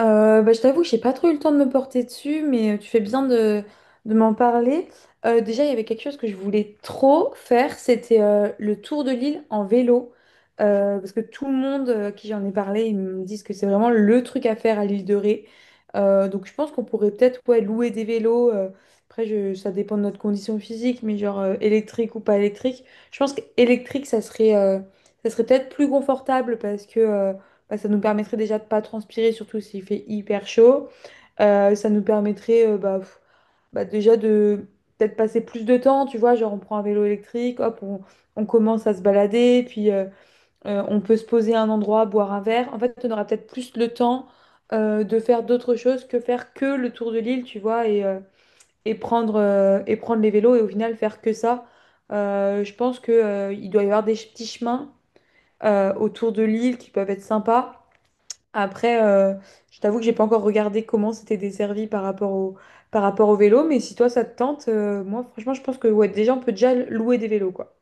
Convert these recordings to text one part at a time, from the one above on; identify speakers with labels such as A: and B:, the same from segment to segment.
A: Je t'avoue que j'ai pas trop eu le temps de me porter dessus, mais tu fais bien de m'en parler. Déjà, il y avait quelque chose que je voulais trop faire, c'était le tour de l'île en vélo. Parce que tout le monde à qui j'en ai parlé, ils me disent que c'est vraiment le truc à faire à l'île de Ré. Donc je pense qu'on pourrait peut-être ouais, louer des vélos. Après, ça dépend de notre condition physique, mais genre électrique ou pas électrique. Je pense qu'électrique, ça serait peut-être plus confortable parce que ça nous permettrait déjà de pas transpirer, surtout s'il fait hyper chaud. Ça nous permettrait déjà de peut-être passer plus de temps, tu vois, genre on prend un vélo électrique, hop, on commence à se balader, puis on peut se poser à un endroit, boire un verre. En fait, on aura peut-être plus le temps de faire d'autres choses que faire que le tour de l'île, tu vois, et et prendre les vélos et au final faire que ça. Je pense que il doit y avoir des petits chemins autour de l'île qui peuvent être sympas. Après, euh, je t'avoue que j'ai pas encore regardé comment c'était desservi par rapport au vélo, mais si toi ça te tente, moi franchement je pense que ouais, déjà on peut déjà louer des vélos quoi.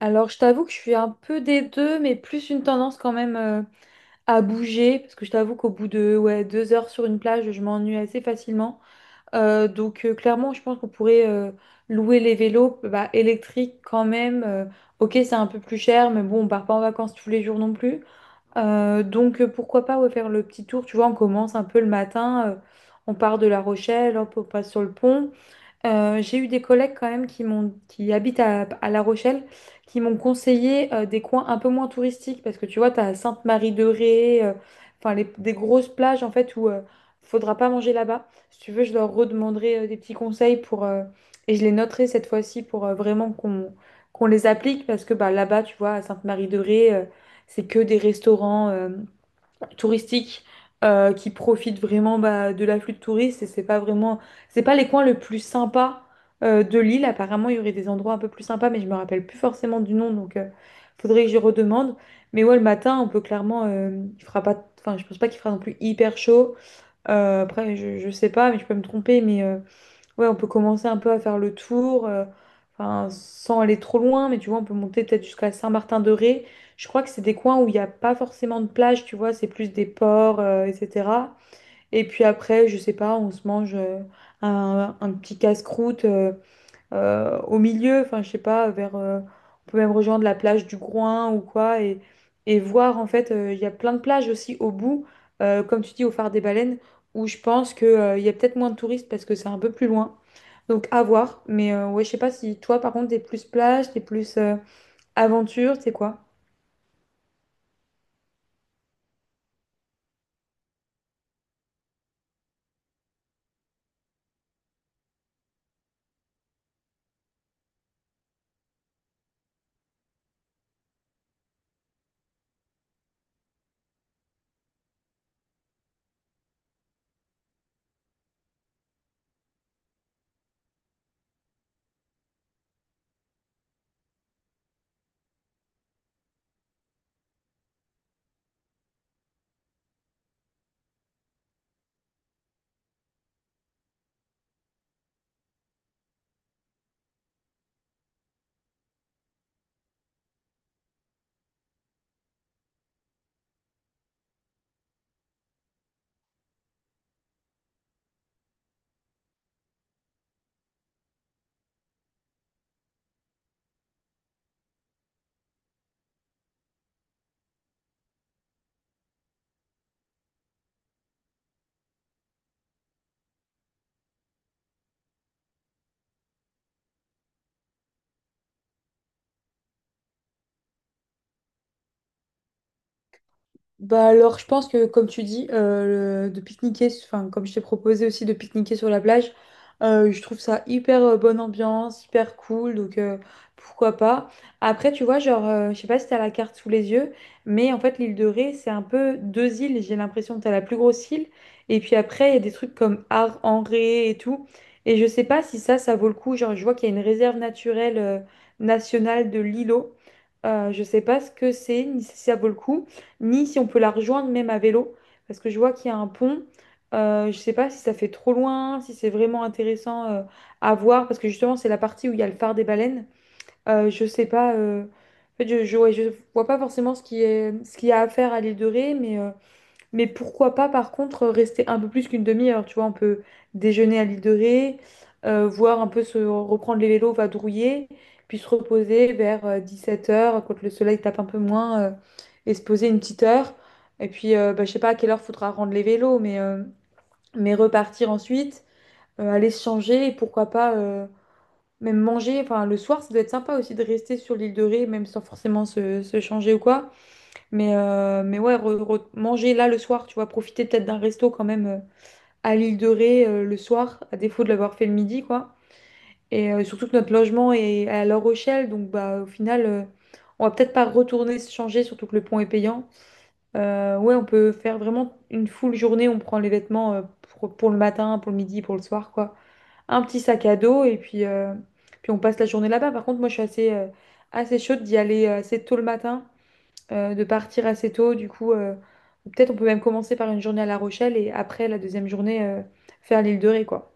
A: Alors, je t'avoue que je suis un peu des deux, mais plus une tendance quand même à bouger, parce que je t'avoue qu'au bout de ouais, 2 heures sur une plage, je m'ennuie assez facilement. Donc clairement, je pense qu'on pourrait louer les vélos bah, électriques quand même. Ok, c'est un peu plus cher, mais bon, on part pas en vacances tous les jours non plus. Donc pourquoi pas ouais, faire le petit tour, tu vois, on commence un peu le matin, on part de La Rochelle, hop, on passe sur le pont, j'ai eu des collègues quand même qui habitent à La Rochelle, qui m'ont conseillé des coins un peu moins touristiques parce que tu vois, tu as Sainte-Marie-de-Ré, enfin des grosses plages en fait où faudra pas manger là-bas. Si tu veux, je leur redemanderai des petits conseils pour et je les noterai cette fois-ci pour vraiment qu'on les applique parce que bah là-bas, tu vois, à Sainte-Marie-de-Ré, c'est que des restaurants. Touristique qui profite vraiment bah, de l'afflux de touristes et c'est pas les coins le plus sympa de l'île, apparemment il y aurait des endroits un peu plus sympas mais je me rappelle plus forcément du nom faudrait que j'y redemande. Mais ouais le matin on peut clairement il fera pas, enfin je pense pas qu'il fera non plus hyper chaud. Je sais pas mais je peux me tromper mais ouais, on peut commencer un peu à faire le tour, enfin, sans aller trop loin, mais tu vois, on peut monter peut-être jusqu'à Saint-Martin-de-Ré. Je crois que c'est des coins où il n'y a pas forcément de plage, tu vois, c'est plus des ports, etc. Et puis après, je sais pas, on se mange un petit casse-croûte. Au milieu, enfin je sais pas, on peut même rejoindre la plage du Groin ou quoi, et voir en fait, il y a plein de plages aussi au bout, comme tu dis, au phare des baleines, où je pense que il y a peut-être moins de touristes parce que c'est un peu plus loin. Donc à voir, mais ouais, je sais pas si toi par contre t'es plus plage, t'es plus aventure, t'es quoi? Bah alors, je pense que comme tu dis, de pique-niquer, enfin comme je t'ai proposé aussi de pique-niquer sur la plage, je trouve ça hyper bonne ambiance, hyper cool, donc pourquoi pas. Après, tu vois, je sais pas si t'as la carte sous les yeux, mais en fait l'île de Ré, c'est un peu deux îles. J'ai l'impression que t'as la plus grosse île, et puis après il y a des trucs comme Ar en Ré et tout. Et je sais pas si ça vaut le coup. Genre, je vois qu'il y a une réserve naturelle nationale de l'îlot. Je sais pas ce que c'est, ni si ça vaut le coup, ni si on peut la rejoindre même à vélo, parce que je vois qu'il y a un pont. Je sais pas si ça fait trop loin, si c'est vraiment intéressant à voir, parce que justement c'est la partie où il y a le phare des baleines. Je sais pas, en fait, je, ouais, je vois pas forcément ce qui est, ce qu'il y a à faire à l'île de Ré, mais pourquoi pas, par contre, rester un peu plus qu'une demi-heure, tu vois, on peut déjeuner à l'île de Ré, voir un peu se reprendre les vélos, vadrouiller, puis se reposer vers 17 heures quand le soleil tape un peu moins, et se poser une petite heure. Et puis je sais pas à quelle heure faudra rendre les vélos, mais mais repartir ensuite, aller se changer, et pourquoi pas même manger. Enfin, le soir, ça doit être sympa aussi de rester sur l'île de Ré, même sans forcément se changer ou quoi. Mais ouais, manger là le soir, tu vois, profiter peut-être d'un resto quand même à l'île de Ré le soir, à défaut de l'avoir fait le midi, quoi. Et surtout que notre logement est à La Rochelle, donc bah au final, on va peut-être pas retourner se changer, surtout que le pont est payant. Ouais, on peut faire vraiment une full journée, on prend les vêtements pour le matin, pour le midi, pour le soir, quoi. Un petit sac à dos et puis on passe la journée là-bas. Par contre, moi je suis assez chaude d'y aller assez tôt le matin de partir assez tôt. Du coup, peut-être on peut même commencer par une journée à La Rochelle et après la deuxième journée faire l'île de Ré, quoi.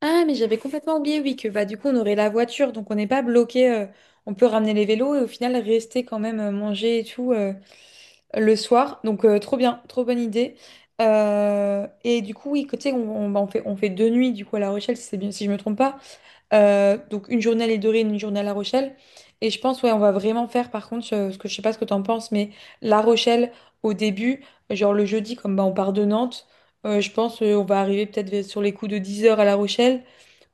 A: Ah, mais j'avais complètement oublié, oui, que bah, du coup, on aurait la voiture, donc on n'est pas bloqué. On peut ramener les vélos et au final rester quand même manger et tout le soir. Donc, trop bien, trop bonne idée. Et du coup, oui, côté, on fait deux nuits du coup à La Rochelle, si, c'est bien, si je me trompe pas. Donc une journée à l'île de, une journée à La Rochelle. Et je pense, ouais, on va vraiment faire par contre, ce que je sais pas ce que t'en penses, mais La Rochelle au début, genre le jeudi, comme bah, on part de Nantes, je pense on va arriver peut-être sur les coups de 10 heures à La Rochelle.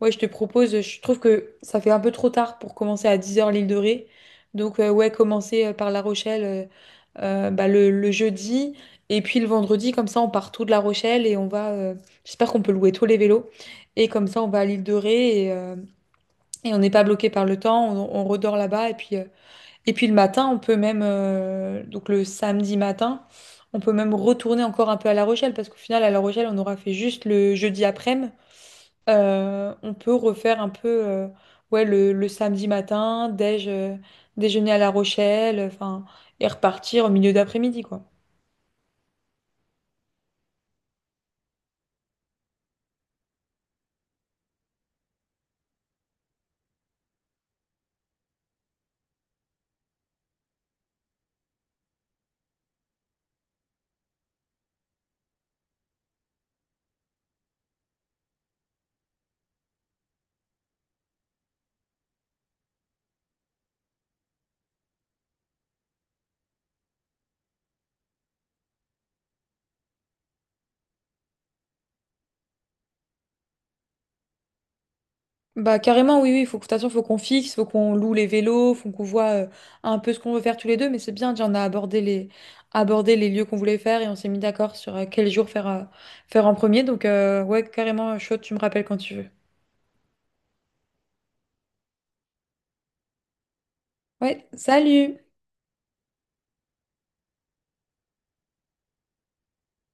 A: Ouais, je te propose, je trouve que ça fait un peu trop tard pour commencer à 10 heures l'île de Ré. Donc ouais, commencer par La Rochelle bah, le jeudi. Et puis le vendredi, comme ça, on part tout de La Rochelle et on va. J'espère qu'on peut louer tous les vélos. Et comme ça, on va à l'île de Ré. Et on n'est pas bloqué par le temps, on redort là-bas. Et puis et puis le matin, on peut même, donc le samedi matin, on peut même retourner encore un peu à La Rochelle, parce qu'au final, à La Rochelle, on aura fait juste le jeudi après-midi. On peut refaire un peu ouais, le samedi matin, déjeuner à La Rochelle, enfin, et repartir au milieu d'après-midi, quoi. Bah carrément oui oui, il faut que de toute façon, faut qu'on fixe, faut qu'on loue les vélos, faut qu'on voit un peu ce qu'on veut faire tous les deux, mais c'est bien, déjà on a abordé les lieux qu'on voulait faire et on s'est mis d'accord sur quel jour faire en premier. Donc ouais, carrément chaud, tu me rappelles quand tu veux. Ouais, salut!